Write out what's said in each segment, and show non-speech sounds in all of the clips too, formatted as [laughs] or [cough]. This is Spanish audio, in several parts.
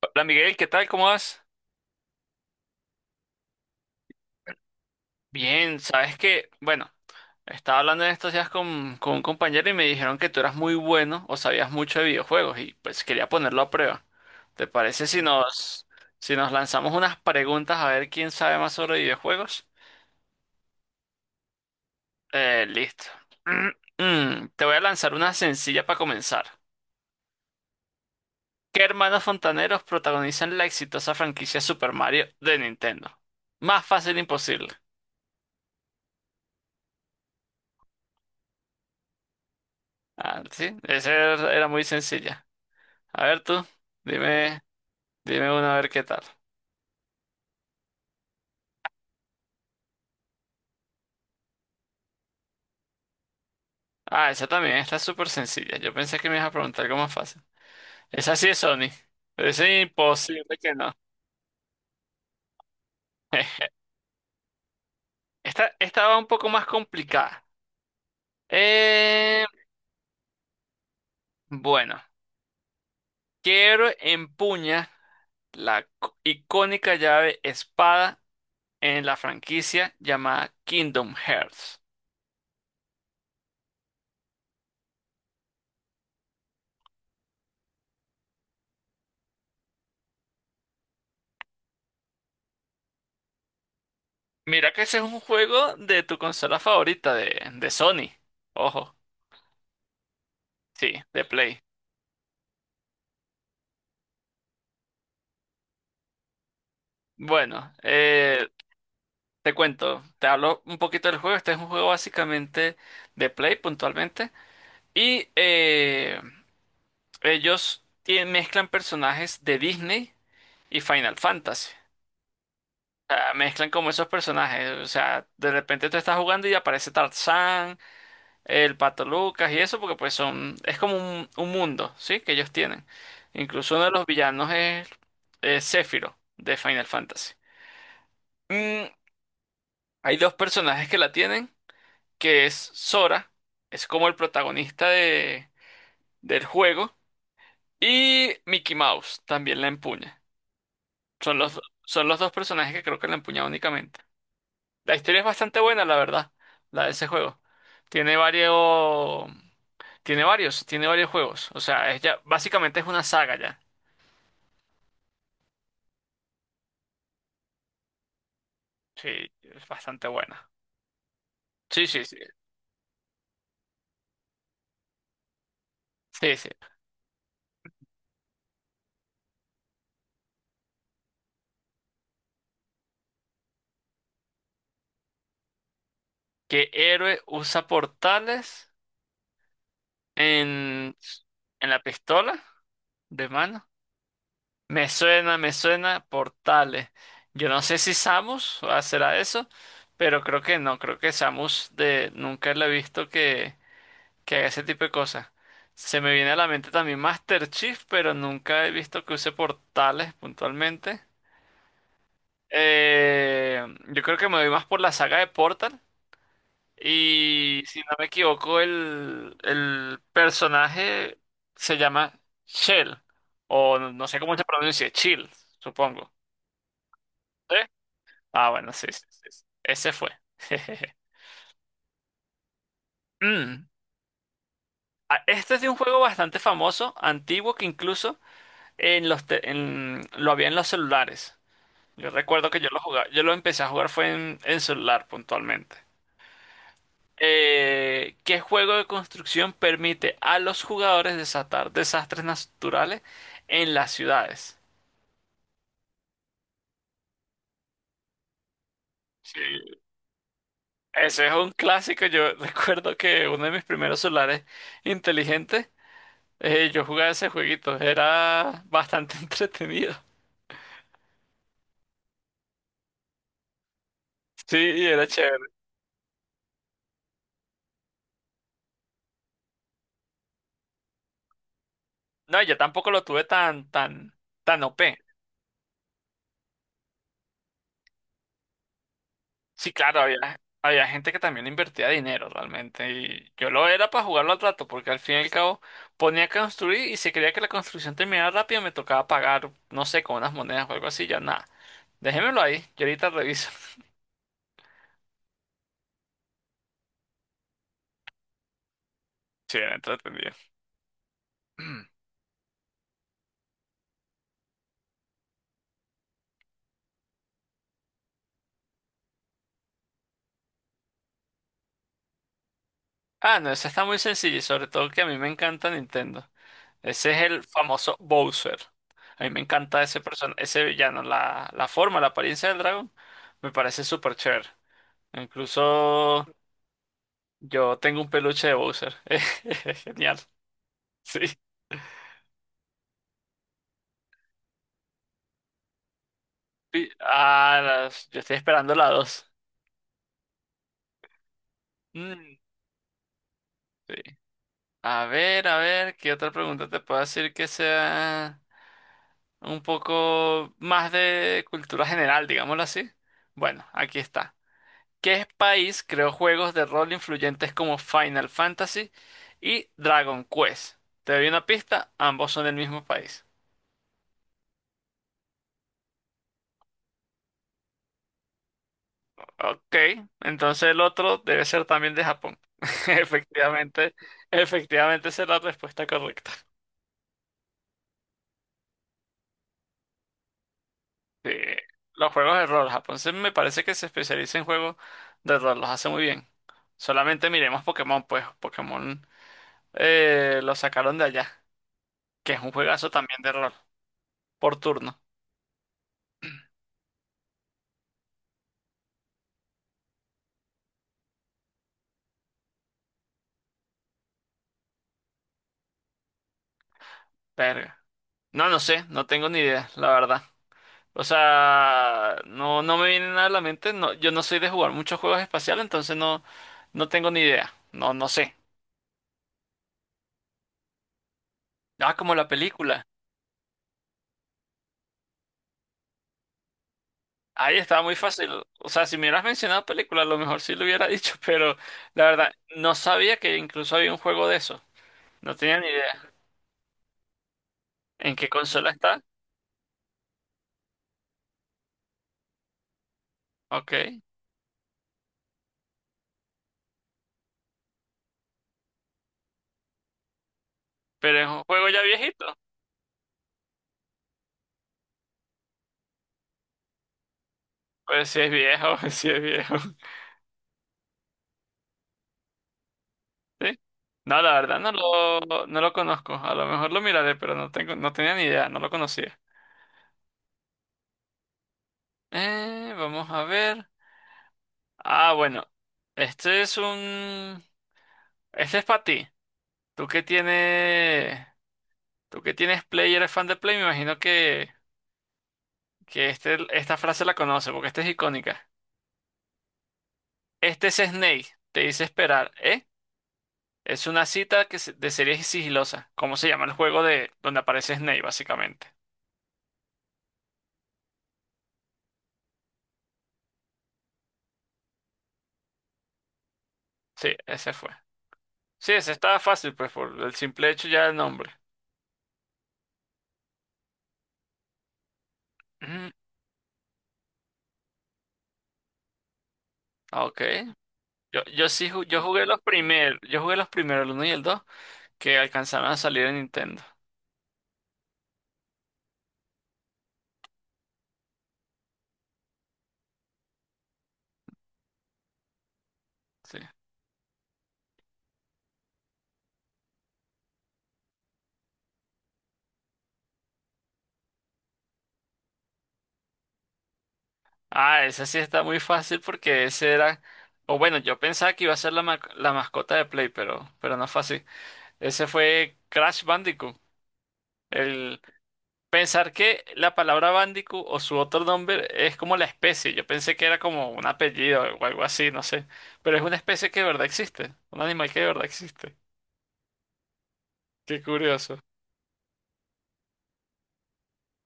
Hola Miguel, ¿qué tal? ¿Cómo vas? Bien, sabes que, bueno, estaba hablando en estos días con un compañero y me dijeron que tú eras muy bueno o sabías mucho de videojuegos y pues quería ponerlo a prueba. ¿Te parece si nos lanzamos unas preguntas a ver quién sabe más sobre videojuegos? Listo. [clears throat] Te voy a lanzar una sencilla para comenzar. ¿Qué hermanos fontaneros protagonizan la exitosa franquicia Super Mario de Nintendo? Más fácil imposible. Ah, sí, esa era muy sencilla. A ver tú, dime, dime una a ver qué tal. Ah, esa también está súper sencilla. Yo pensé que me ibas a preguntar algo más fácil. Esa sí es Sony. Pero es imposible que no. [laughs] Esta va un poco más complicada. Eh, bueno, ¿Qué héroe empuña la icónica llave espada en la franquicia llamada Kingdom Hearts? Mira que ese es un juego de tu consola favorita de Sony. Ojo, sí, de Play. Bueno, te cuento, te hablo un poquito del juego. Este es un juego básicamente de Play puntualmente. Y ellos mezclan personajes de Disney y Final Fantasy. O mezclan como esos personajes. O sea, de repente tú estás jugando y aparece Tarzán, el Pato Lucas y eso, porque pues son, es como un mundo, ¿sí? Que ellos tienen. Incluso uno de los villanos es Sephiroth de Final Fantasy. Mm, hay dos personajes que la tienen. Que es Sora, es como el protagonista del juego, y Mickey Mouse también la empuña. Son son los dos personajes que creo que la empuña únicamente. La historia es bastante buena, la verdad, la de ese juego. Tiene varios, tiene varios juegos. O sea, es ya, básicamente es una saga ya. Sí, es bastante buena. Sí, sí, sí. Sí, sí. ¿Qué héroe usa portales en, en la pistola de mano? Me suena, Portales. Yo no sé si Samus será eso, pero creo que no, creo que Samus de nunca la he visto que haga ese tipo de cosas. Se me viene a la mente también Master Chief, pero nunca he visto que use portales puntualmente. Eh, yo creo que me voy más por la saga de Portal. Y si no me equivoco, el personaje se llama Shell. O no sé cómo se pronuncia, Chill, supongo. ¿Sí? Ah, bueno, sí, sí, sí, sí. Ese fue. [laughs] Mm. Ah, este es de un juego bastante famoso, antiguo, que incluso en los te- en- lo había en los celulares. Yo recuerdo que yo lo jugaba, yo lo empecé a jugar fue en celular puntualmente. ¿Qué juego de construcción permite a los jugadores desatar desastres naturales en las ciudades? Sí, ese es un clásico. Yo [laughs] recuerdo que uno de mis primeros celulares inteligentes yo jugaba ese jueguito, era bastante [laughs] entretenido. Sí, era chévere. No, yo tampoco lo tuve tan OP. Sí, claro, había gente que también invertía dinero realmente. Y yo lo era para jugarlo al rato, porque al fin y al cabo ponía a construir y si quería que la construcción terminara rápido, me tocaba pagar, no sé, con unas monedas o algo así, ya nada. Déjemelo ahí, yo ahorita reviso. [laughs] Sí, era entretenido. Ah, no, eso está muy sencillo y sobre todo que a mí me encanta Nintendo. Ese es el famoso Bowser. A mí me encanta ese person ese villano, la forma, la apariencia del dragón, me parece súper chévere. Incluso yo tengo un peluche de Bowser. [laughs] Es genial. Sí. Yo estoy esperando la 2. Sí. A ver, ¿qué otra pregunta te puedo decir que sea un poco más de cultura general, digámoslo así? Bueno, aquí está. ¿Qué país creó juegos de rol influyentes como Final Fantasy y Dragon Quest? Te doy una pista, ambos son del mismo país. Ok, entonces el otro debe ser también de Japón. [laughs] Efectivamente, efectivamente esa es la respuesta correcta. Sí, los juegos de rol, Japón me parece que se especializa en juegos de rol, los hace muy bien. Solamente miremos Pokémon, pues Pokémon lo sacaron de allá, que es un juegazo también de rol, por turno. Verga. No, no sé, no tengo ni idea, la verdad. O sea, no, no me viene nada a la mente. No, yo no soy de jugar muchos juegos espaciales, entonces no, no tengo ni idea. No, no sé. Ah, como la película. Ahí estaba muy fácil. O sea, si me hubieras mencionado película, a lo mejor sí lo hubiera [laughs] dicho, pero la verdad, no sabía que incluso había un juego de eso. No tenía ni idea. ¿En qué consola está? Ok. Pero es un juego ya viejito. Pues sí es viejo, [laughs] sí es viejo. ¿Sí? No, la verdad no lo conozco. A lo mejor lo miraré, pero no tengo, no tenía ni idea, no lo conocía. Vamos a ver. Ah, bueno. Este es un... Este es para ti. Tú que tienes... Tú que tienes Play y eres fan de Play, me imagino que este, esta frase la conoces, porque esta es icónica. Este es Snake, te dice esperar, ¿eh? Es una cita de serie sigilosa. ¿Cómo se llama el juego de donde aparece Snake, básicamente? Sí, ese fue. Sí, ese estaba fácil, pues por el simple hecho ya del nombre. Ujú, ok. Yo jugué los primeros, yo jugué los primeros, el 1 y el 2 que alcanzaron a salir en Nintendo. Sí. Ah, ese sí está muy fácil porque ese era, o bueno, yo pensaba que iba a ser la mascota de Play, pero no fue así. Ese fue Crash Bandicoot. El Pensar que la palabra Bandicoot o su otro nombre es como la especie. Yo pensé que era como un apellido o algo así, no sé. Pero es una especie que de verdad existe. Un animal que de verdad existe. Qué curioso.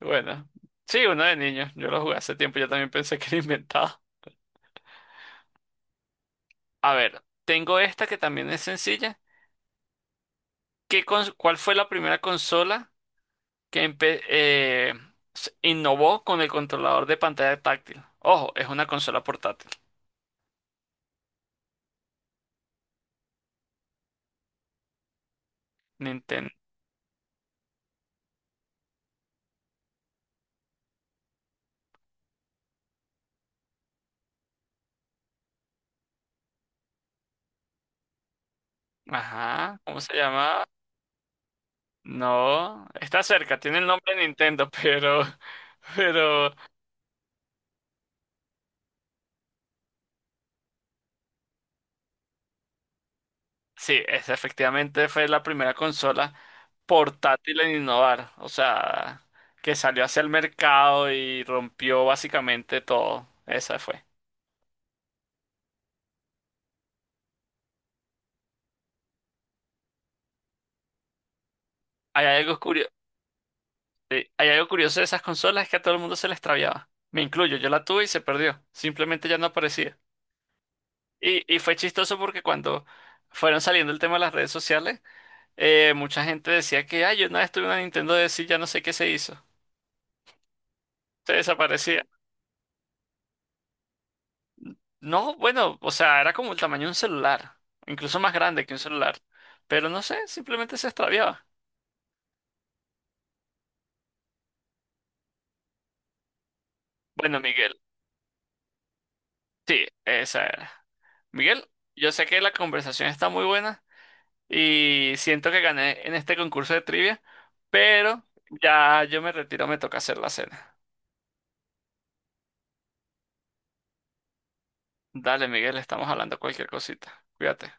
Bueno, sí, uno de niños. Yo lo jugué hace tiempo. Yo también pensé que era inventado. A ver, tengo esta que también es sencilla. ¿Cuál fue la primera consola que innovó con el controlador de pantalla táctil? Ojo, es una consola portátil. Nintendo. Ajá, ¿cómo se llama? No, está cerca, tiene el nombre de Nintendo, [laughs] pero sí, esa efectivamente fue la primera consola portátil en innovar, o sea, que salió hacia el mercado y rompió básicamente todo. Esa fue. Hay algo curioso, hay algo curioso de esas consolas es que a todo el mundo se le extraviaba. Me incluyo, yo la tuve y se perdió, simplemente ya no aparecía. Y fue chistoso porque cuando fueron saliendo el tema de las redes sociales, mucha gente decía que, ay, yo una vez tuve una Nintendo DS y ya no sé qué se hizo. Se desaparecía. No, bueno, o sea, era como el tamaño de un celular, incluso más grande que un celular. Pero no sé, simplemente se extraviaba. Bueno, Miguel, sí, esa era. Miguel, yo sé que la conversación está muy buena y siento que gané en este concurso de trivia, pero ya yo me retiro, me toca hacer la cena. Dale, Miguel, estamos hablando cualquier cosita. Cuídate.